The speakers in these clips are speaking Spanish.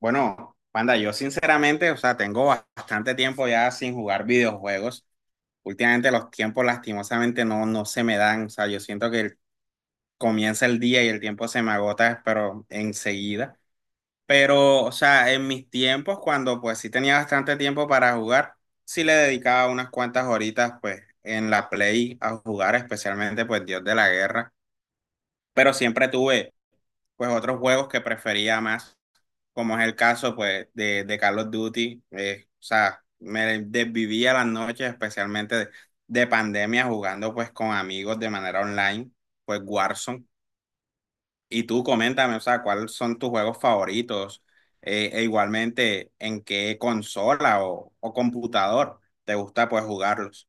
Bueno, Panda, yo sinceramente, tengo bastante tiempo ya sin jugar videojuegos. Últimamente los tiempos lastimosamente no se me dan. O sea, yo siento que comienza el día y el tiempo se me agota, pero enseguida. Pero, o sea, en mis tiempos, cuando pues sí tenía bastante tiempo para jugar, sí le dedicaba unas cuantas horitas pues en la Play a jugar, especialmente pues Dios de la Guerra. Pero siempre tuve pues otros juegos que prefería más, como es el caso pues de Call of Duty. O sea, me desvivía las noches, especialmente de pandemia, jugando pues con amigos de manera online, pues Warzone. Y tú coméntame, o sea, ¿cuáles son tus juegos favoritos? E igualmente, ¿en qué consola o computador te gusta pues jugarlos?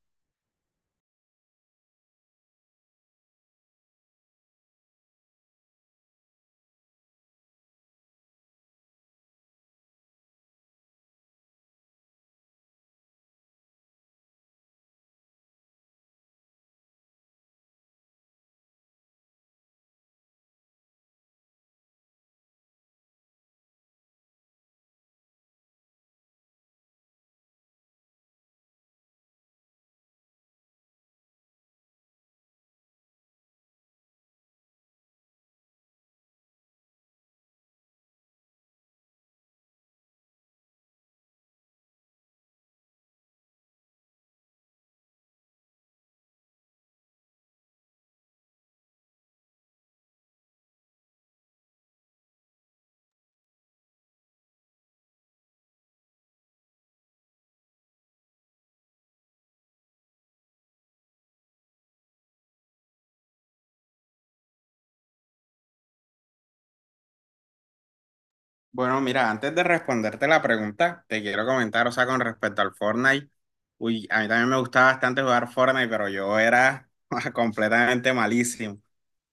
Bueno, mira, antes de responderte la pregunta, te quiero comentar, o sea, con respecto al Fortnite, uy, a mí también me gustaba bastante jugar Fortnite, pero yo era completamente malísimo. O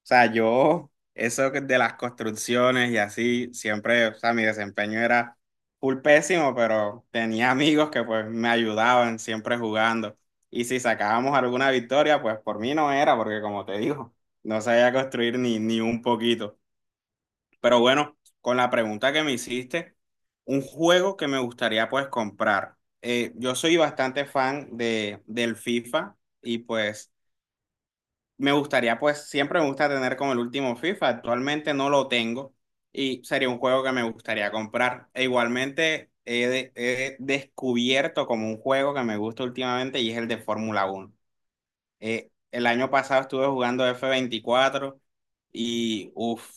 sea, eso que de las construcciones y así, siempre, o sea, mi desempeño era full pésimo, pero tenía amigos que pues me ayudaban siempre jugando. Y si sacábamos alguna victoria, pues por mí no era, porque como te digo, no sabía construir ni un poquito. Pero bueno, con la pregunta que me hiciste, un juego que me gustaría pues comprar. Yo soy bastante fan del FIFA y pues me gustaría pues siempre me gusta tener como el último FIFA. Actualmente no lo tengo y sería un juego que me gustaría comprar. E igualmente he descubierto como un juego que me gusta últimamente y es el de Fórmula Uno. El año pasado estuve jugando F24 y uff,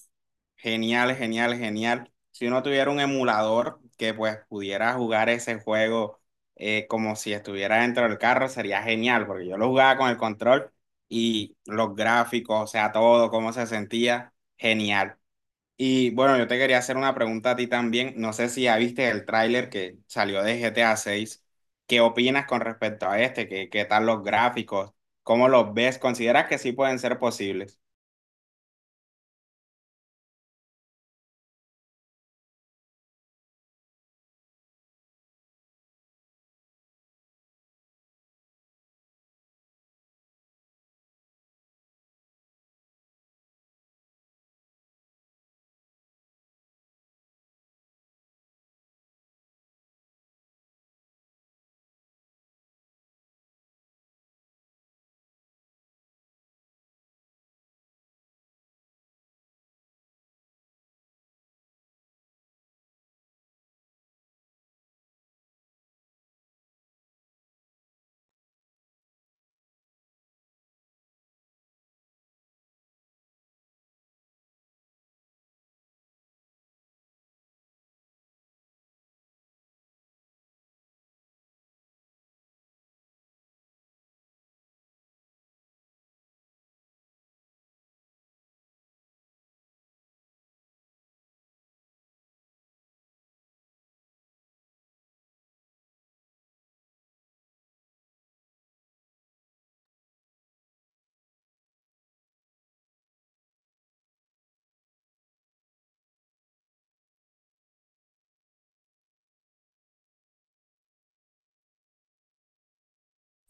genial, genial, genial. Si uno tuviera un emulador que pues pudiera jugar ese juego como si estuviera dentro del carro, sería genial, porque yo lo jugaba con el control y los gráficos, o sea, todo, cómo se sentía, genial. Y bueno, yo te quería hacer una pregunta a ti también. No sé si ya viste el tráiler que salió de GTA 6. ¿Qué opinas con respecto a este? ¿Qué, qué tal los gráficos? ¿Cómo los ves? ¿Consideras que sí pueden ser posibles?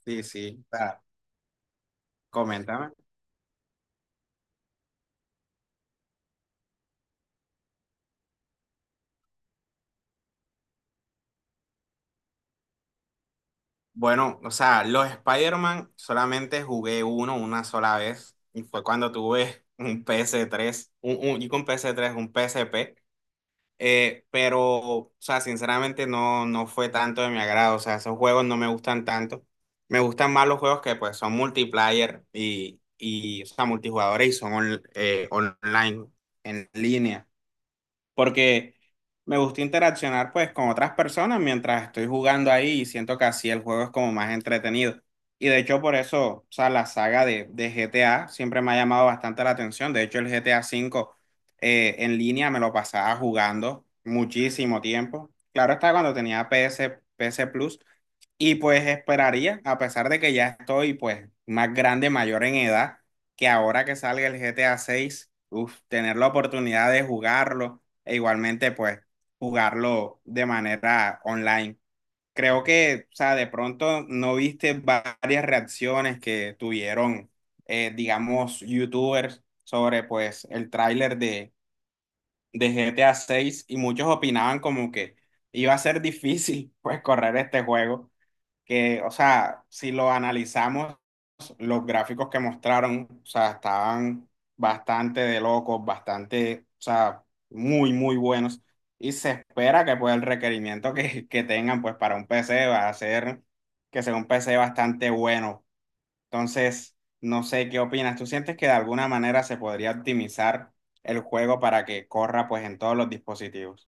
Sí, sí. Coméntame. Bueno, o sea, los Spider-Man solamente jugué uno una sola vez y fue cuando tuve un PS3 y con PS3 un PSP. Pero, o sea, sinceramente no fue tanto de mi agrado. O sea, esos juegos no me gustan tanto. Me gustan más los juegos que pues son multiplayer y o sea, multijugadores y son online, en línea, porque me gusta interaccionar pues con otras personas mientras estoy jugando ahí y siento que así el juego es como más entretenido. Y de hecho por eso, o sea, la saga de GTA siempre me ha llamado bastante la atención. De hecho el GTA 5 en línea me lo pasaba jugando muchísimo tiempo. Claro está cuando tenía PS Plus, y pues esperaría, a pesar de que ya estoy pues más grande, mayor en edad, que ahora que salga el GTA 6, uf, tener la oportunidad de jugarlo e igualmente pues jugarlo de manera online. Creo que, o sea, de pronto no viste varias reacciones que tuvieron, digamos, youtubers sobre pues el tráiler de GTA 6 y muchos opinaban como que iba a ser difícil pues correr este juego que, o sea, si lo analizamos, los gráficos que mostraron, o sea, estaban bastante de locos, bastante, o sea, muy, muy buenos. Y se espera que pues el requerimiento que tengan pues para un PC va a ser que sea un PC bastante bueno. Entonces, no sé qué opinas. ¿Tú sientes que de alguna manera se podría optimizar el juego para que corra pues en todos los dispositivos?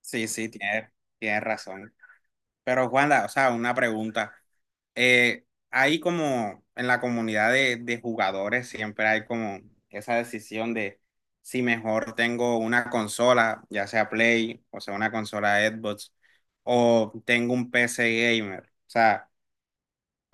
Sí, sí, tienes razón. Pero Juanda, o sea, una pregunta. Hay como en la comunidad de jugadores siempre hay como esa decisión de si mejor tengo una consola, ya sea Play, o sea, una consola Xbox, o tengo un PC gamer. O sea,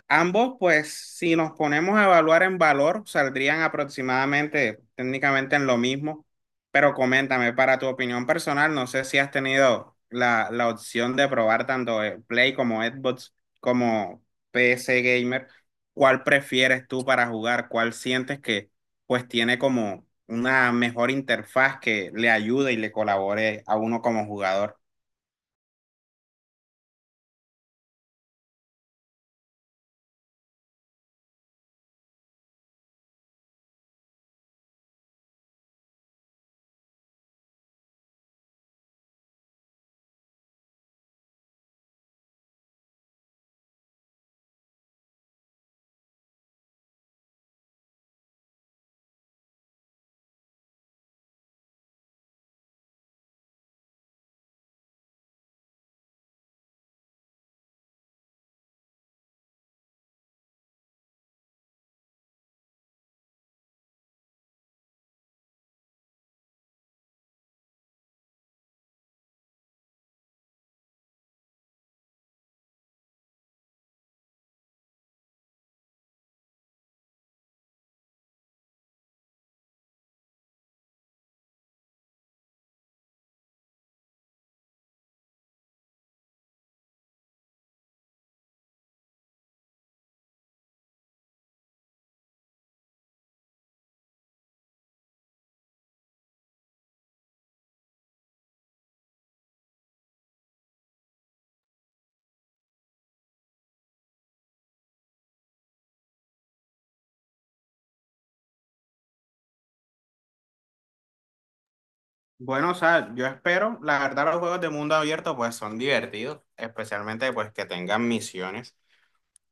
ambos, pues, si nos ponemos a evaluar en valor, saldrían aproximadamente técnicamente en lo mismo, pero coméntame, para tu opinión personal, no sé si has tenido la opción de probar tanto Play como Xbox como PC Gamer, ¿cuál prefieres tú para jugar? ¿Cuál sientes que pues tiene como una mejor interfaz que le ayude y le colabore a uno como jugador? Bueno, o sea, yo espero, la verdad los juegos de mundo abierto pues son divertidos, especialmente pues que tengan misiones.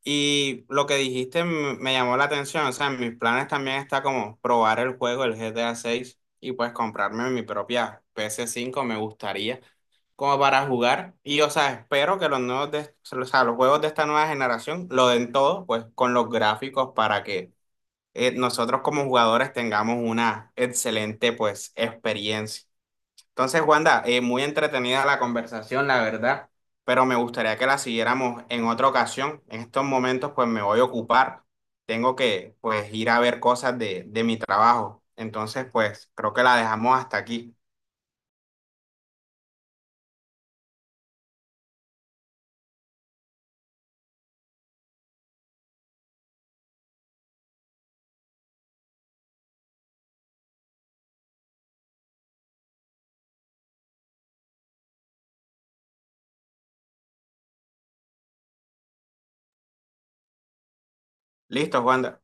Y lo que dijiste me llamó la atención, o sea, en mis planes también está como probar el juego, el GTA 6 y pues comprarme mi propia PS5, me gustaría como para jugar. Y o sea, espero que los nuevos los juegos de esta nueva generación lo den todo pues con los gráficos para que nosotros como jugadores tengamos una excelente pues experiencia. Entonces, Wanda, muy entretenida la conversación, la verdad, pero me gustaría que la siguiéramos en otra ocasión. En estos momentos, pues me voy a ocupar. Tengo que, pues, ir a ver cosas de mi trabajo. Entonces, pues, creo que la dejamos hasta aquí. Listo, Wanda.